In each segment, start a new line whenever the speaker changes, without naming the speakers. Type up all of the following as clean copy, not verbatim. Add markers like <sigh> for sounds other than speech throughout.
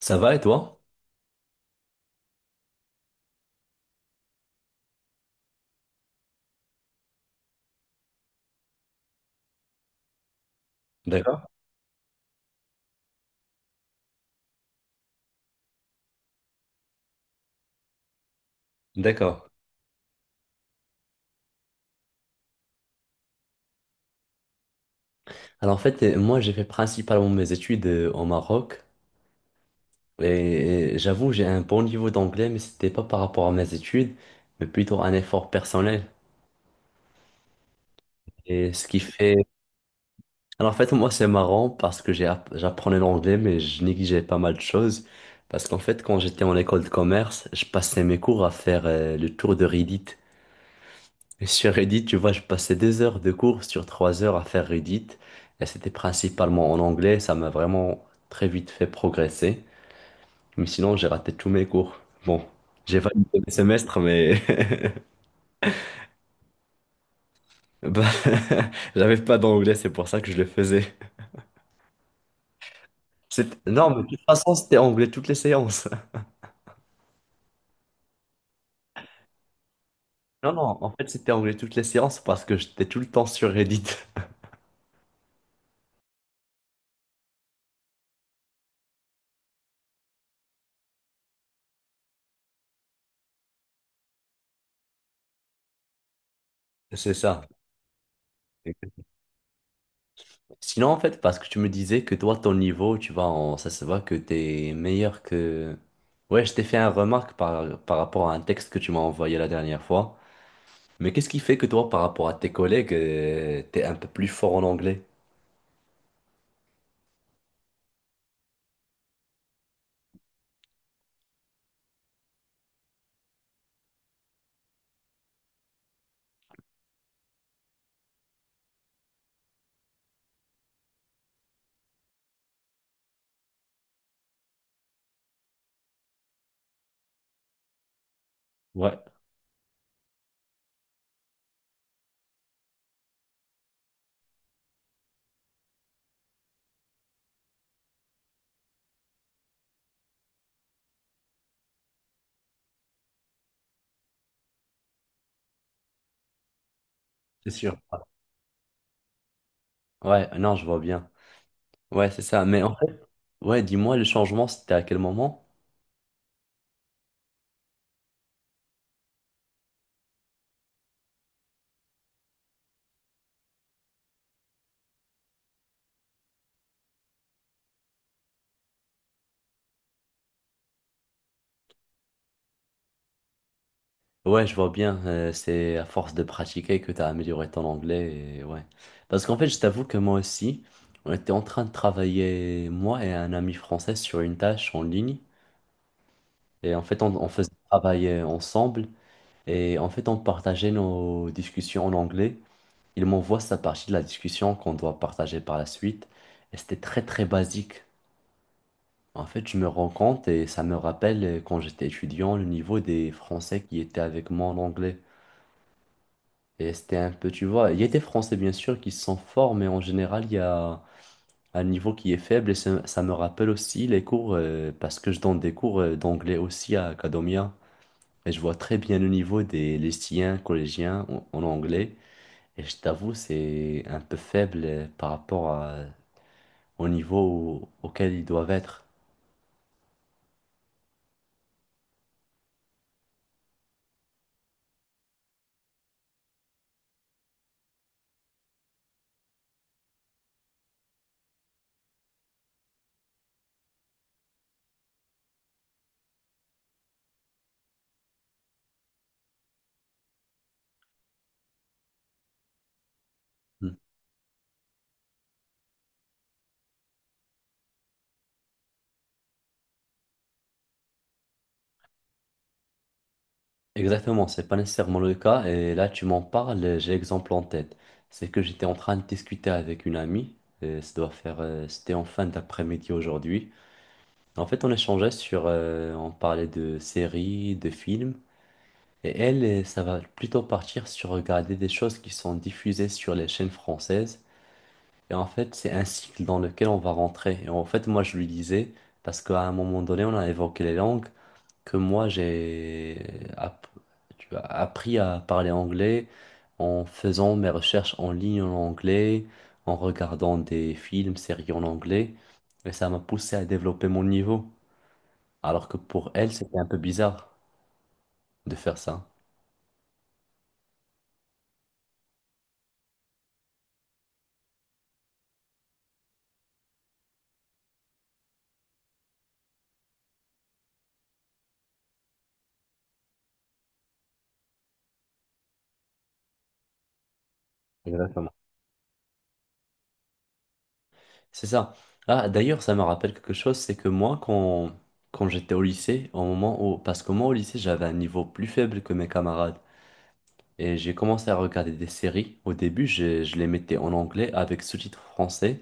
Ça va et toi? D'accord. D'accord. Alors en fait, moi j'ai fait principalement mes études au Maroc et j'avoue j'ai un bon niveau d'anglais mais c'était pas par rapport à mes études mais plutôt un effort personnel. Et ce qui fait... Alors en fait moi c'est marrant parce que j'apprenais l'anglais mais je négligeais pas mal de choses parce qu'en fait quand j'étais en école de commerce je passais mes cours à faire le tour de Reddit. Et sur Reddit, tu vois, je passais des heures de cours sur 3 heures à faire Reddit. Et c'était principalement en anglais. Ça m'a vraiment très vite fait progresser. Mais sinon, j'ai raté tous mes cours. Bon, j'ai validé mes semestres, mais <laughs> bah, <laughs> j'avais pas d'anglais. C'est pour ça que je le faisais. Non, mais de toute façon, c'était anglais toutes les séances. <laughs> Non, non, en fait, c'était anglais toutes les séances parce que j'étais tout le temps sur Reddit. <laughs> C'est ça. Sinon, en fait, parce que tu me disais que toi, ton niveau, tu vois, ça se voit que t'es meilleur que... Ouais, je t'ai fait une remarque par rapport à un texte que tu m'as envoyé la dernière fois. Mais qu'est-ce qui fait que toi, par rapport à tes collègues, t'es un peu plus fort en anglais? Ouais, c'est sûr. Ouais, non, je vois bien. Ouais, c'est ça. Mais en fait, ouais, dis-moi, le changement, c'était à quel moment? Ouais, je vois bien. C'est à force de pratiquer que tu as amélioré ton anglais. Et ouais. Parce qu'en fait, je t'avoue que moi aussi, on était en train de travailler, moi et un ami français, sur une tâche en ligne. Et en fait, on faisait travailler ensemble. Et en fait, on partageait nos discussions en anglais. Il m'envoie sa partie de la discussion qu'on doit partager par la suite. Et c'était très, très basique. En fait, je me rends compte et ça me rappelle quand j'étais étudiant, le niveau des Français qui étaient avec moi en anglais. Et c'était un peu, tu vois, il y a des Français bien sûr qui sont forts, mais en général, il y a un niveau qui est faible et ça me rappelle aussi les cours, parce que je donne des cours d'anglais aussi à Academia. Et je vois très bien le niveau des lycéens, collégiens en anglais. Et je t'avoue, c'est un peu faible au niveau auquel ils doivent être. Hmm. Exactement, c'est pas nécessairement le cas. Et là, tu m'en parles, et j'ai l'exemple en tête. C'est que j'étais en train de discuter avec une amie. Et ça doit faire, c'était en fin d'après-midi aujourd'hui. En fait, on échangeait sur, on parlait de séries, de films. Et elle, ça va plutôt partir sur regarder des choses qui sont diffusées sur les chaînes françaises. Et en fait, c'est un cycle dans lequel on va rentrer. Et en fait, moi, je lui disais, parce qu'à un moment donné, on a évoqué les langues que tu vois, appris à parler anglais en faisant mes recherches en ligne en anglais, en regardant des films, séries en anglais, et ça m'a poussé à développer mon niveau. Alors que pour elle, c'était un peu bizarre de faire ça. Exactement. C'est ça. Ah, d'ailleurs, ça me rappelle quelque chose, c'est que moi, quand j'étais au lycée, au moment où, parce que moi au lycée, j'avais un niveau plus faible que mes camarades. Et j'ai commencé à regarder des séries. Au début, je les mettais en anglais avec sous-titres français.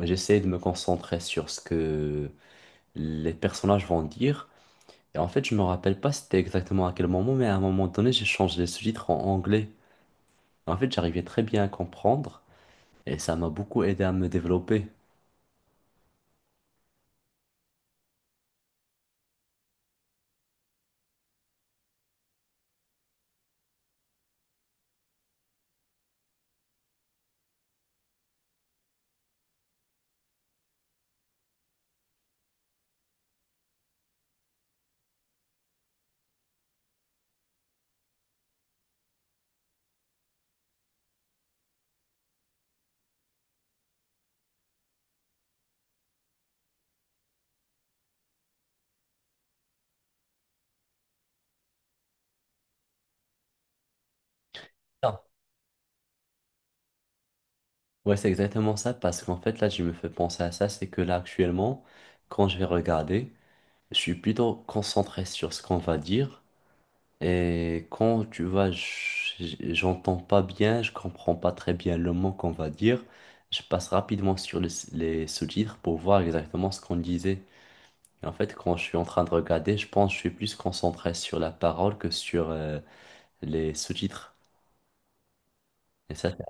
J'essayais de me concentrer sur ce que les personnages vont dire. Et en fait, je me rappelle pas c'était exactement à quel moment, mais à un moment donné, j'ai changé les sous-titres en anglais. En fait, j'arrivais très bien à comprendre et ça m'a beaucoup aidé à me développer. Ah. Ouais, c'est exactement ça parce qu'en fait, là, je me fais penser à ça, c'est que là, actuellement, quand je vais regarder, je suis plutôt concentré sur ce qu'on va dire. Et quand tu vois, j'entends pas bien, je comprends pas très bien le mot qu'on va dire. Je passe rapidement sur les sous-titres pour voir exactement ce qu'on disait. Et en fait, quand je suis en train de regarder, je pense que je suis plus concentré sur la parole que sur les sous-titres. Et ça, c'est-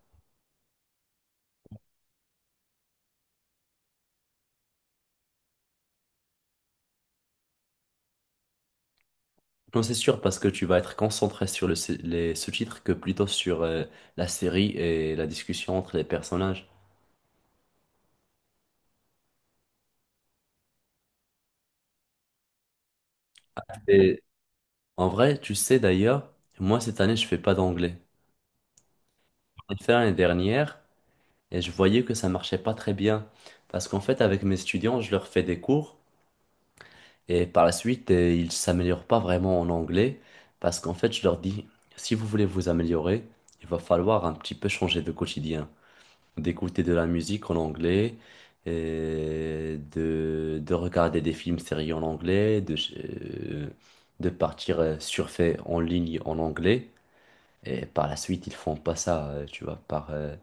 non, c'est sûr parce que tu vas être concentré sur les sous-titres que plutôt sur la série et la discussion entre les personnages. Et en vrai, tu sais d'ailleurs, moi cette année, je fais pas d'anglais. J'ai fait l'année dernière. Et je voyais que ça marchait pas très bien. Parce qu'en fait, avec mes étudiants, je leur fais des cours et par la suite, ils s'améliorent pas vraiment en anglais. Parce qu'en fait, je leur dis, si vous voulez vous améliorer, il va falloir un petit peu changer de quotidien. D'écouter de la musique en anglais, et de regarder des films, séries en anglais, de partir surfer en ligne en anglais. Et par la suite, ils font pas ça, tu vois, par, euh,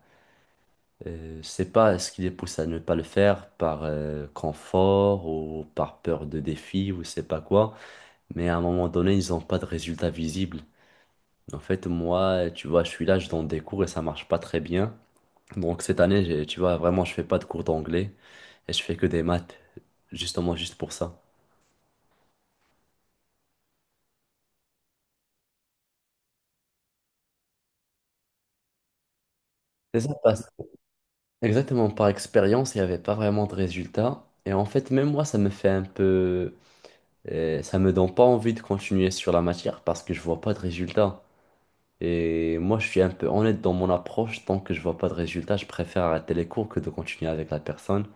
euh, je pas, ce qui les pousse à ne pas le faire par confort ou par peur de défi ou je sais pas quoi, mais à un moment donné, ils n'ont pas de résultats visibles. En fait, moi, tu vois, je suis là, je donne des cours et ça marche pas très bien. Donc cette année, tu vois, vraiment, je fais pas de cours d'anglais et je fais que des maths, justement, juste pour ça. C'est ça, parce- exactement, par expérience, il n'y avait pas vraiment de résultats. Et en fait, même moi, ça me fait un peu... ça me donne pas envie de continuer sur la matière parce que je vois pas de résultats. Et moi, je suis un peu honnête dans mon approche. Tant que je vois pas de résultat, je préfère arrêter les cours que de continuer avec la personne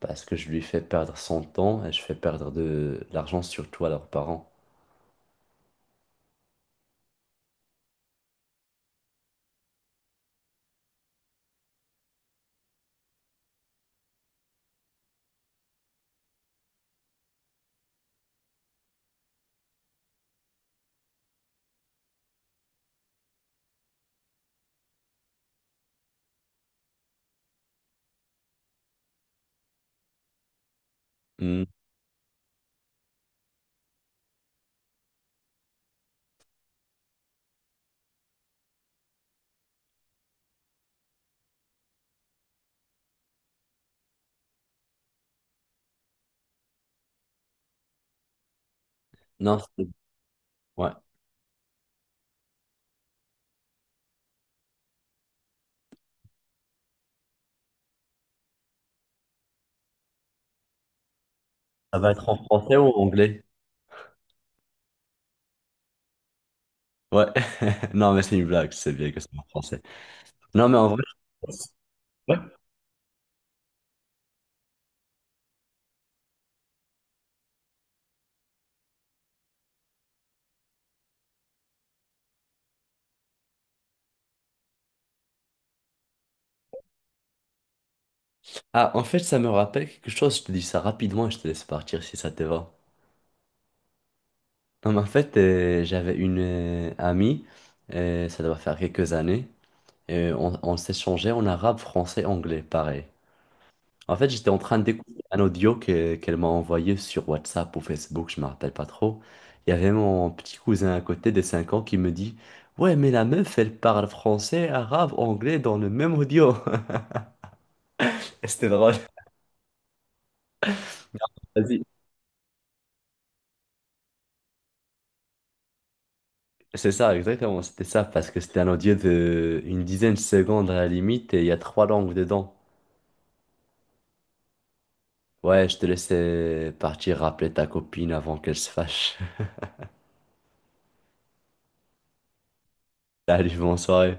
parce que je lui fais perdre son temps et je fais perdre de l'argent surtout à leurs parents. Hmm. Non, c'est- ouais. Ça va être en français ou en anglais? Ouais. <laughs> Non, mais c'est une blague. C'est bien que c'est en français. Non, mais en vrai. Ah, en fait, ça me rappelle quelque chose. Je te dis ça rapidement et je te laisse partir si ça te va. Non, mais en fait, j'avais une amie, ça doit faire quelques années. Et on s'échangeait en arabe, français, anglais, pareil. En fait, j'étais en train de découvrir qu'elle m'a envoyé sur WhatsApp ou Facebook, je me rappelle pas trop. Il y avait mon petit cousin à côté de 5 ans qui me dit, ouais, mais la meuf, elle parle français, arabe, anglais dans le même audio. <laughs> Et c'était drôle. Vas-y. C'est ça, exactement, c'était ça, parce que c'était un audio de une dizaine de secondes à la limite et il y a trois langues dedans. Ouais, je te laissais partir rappeler ta copine avant qu'elle se fâche. <laughs> Salut, bonne soirée.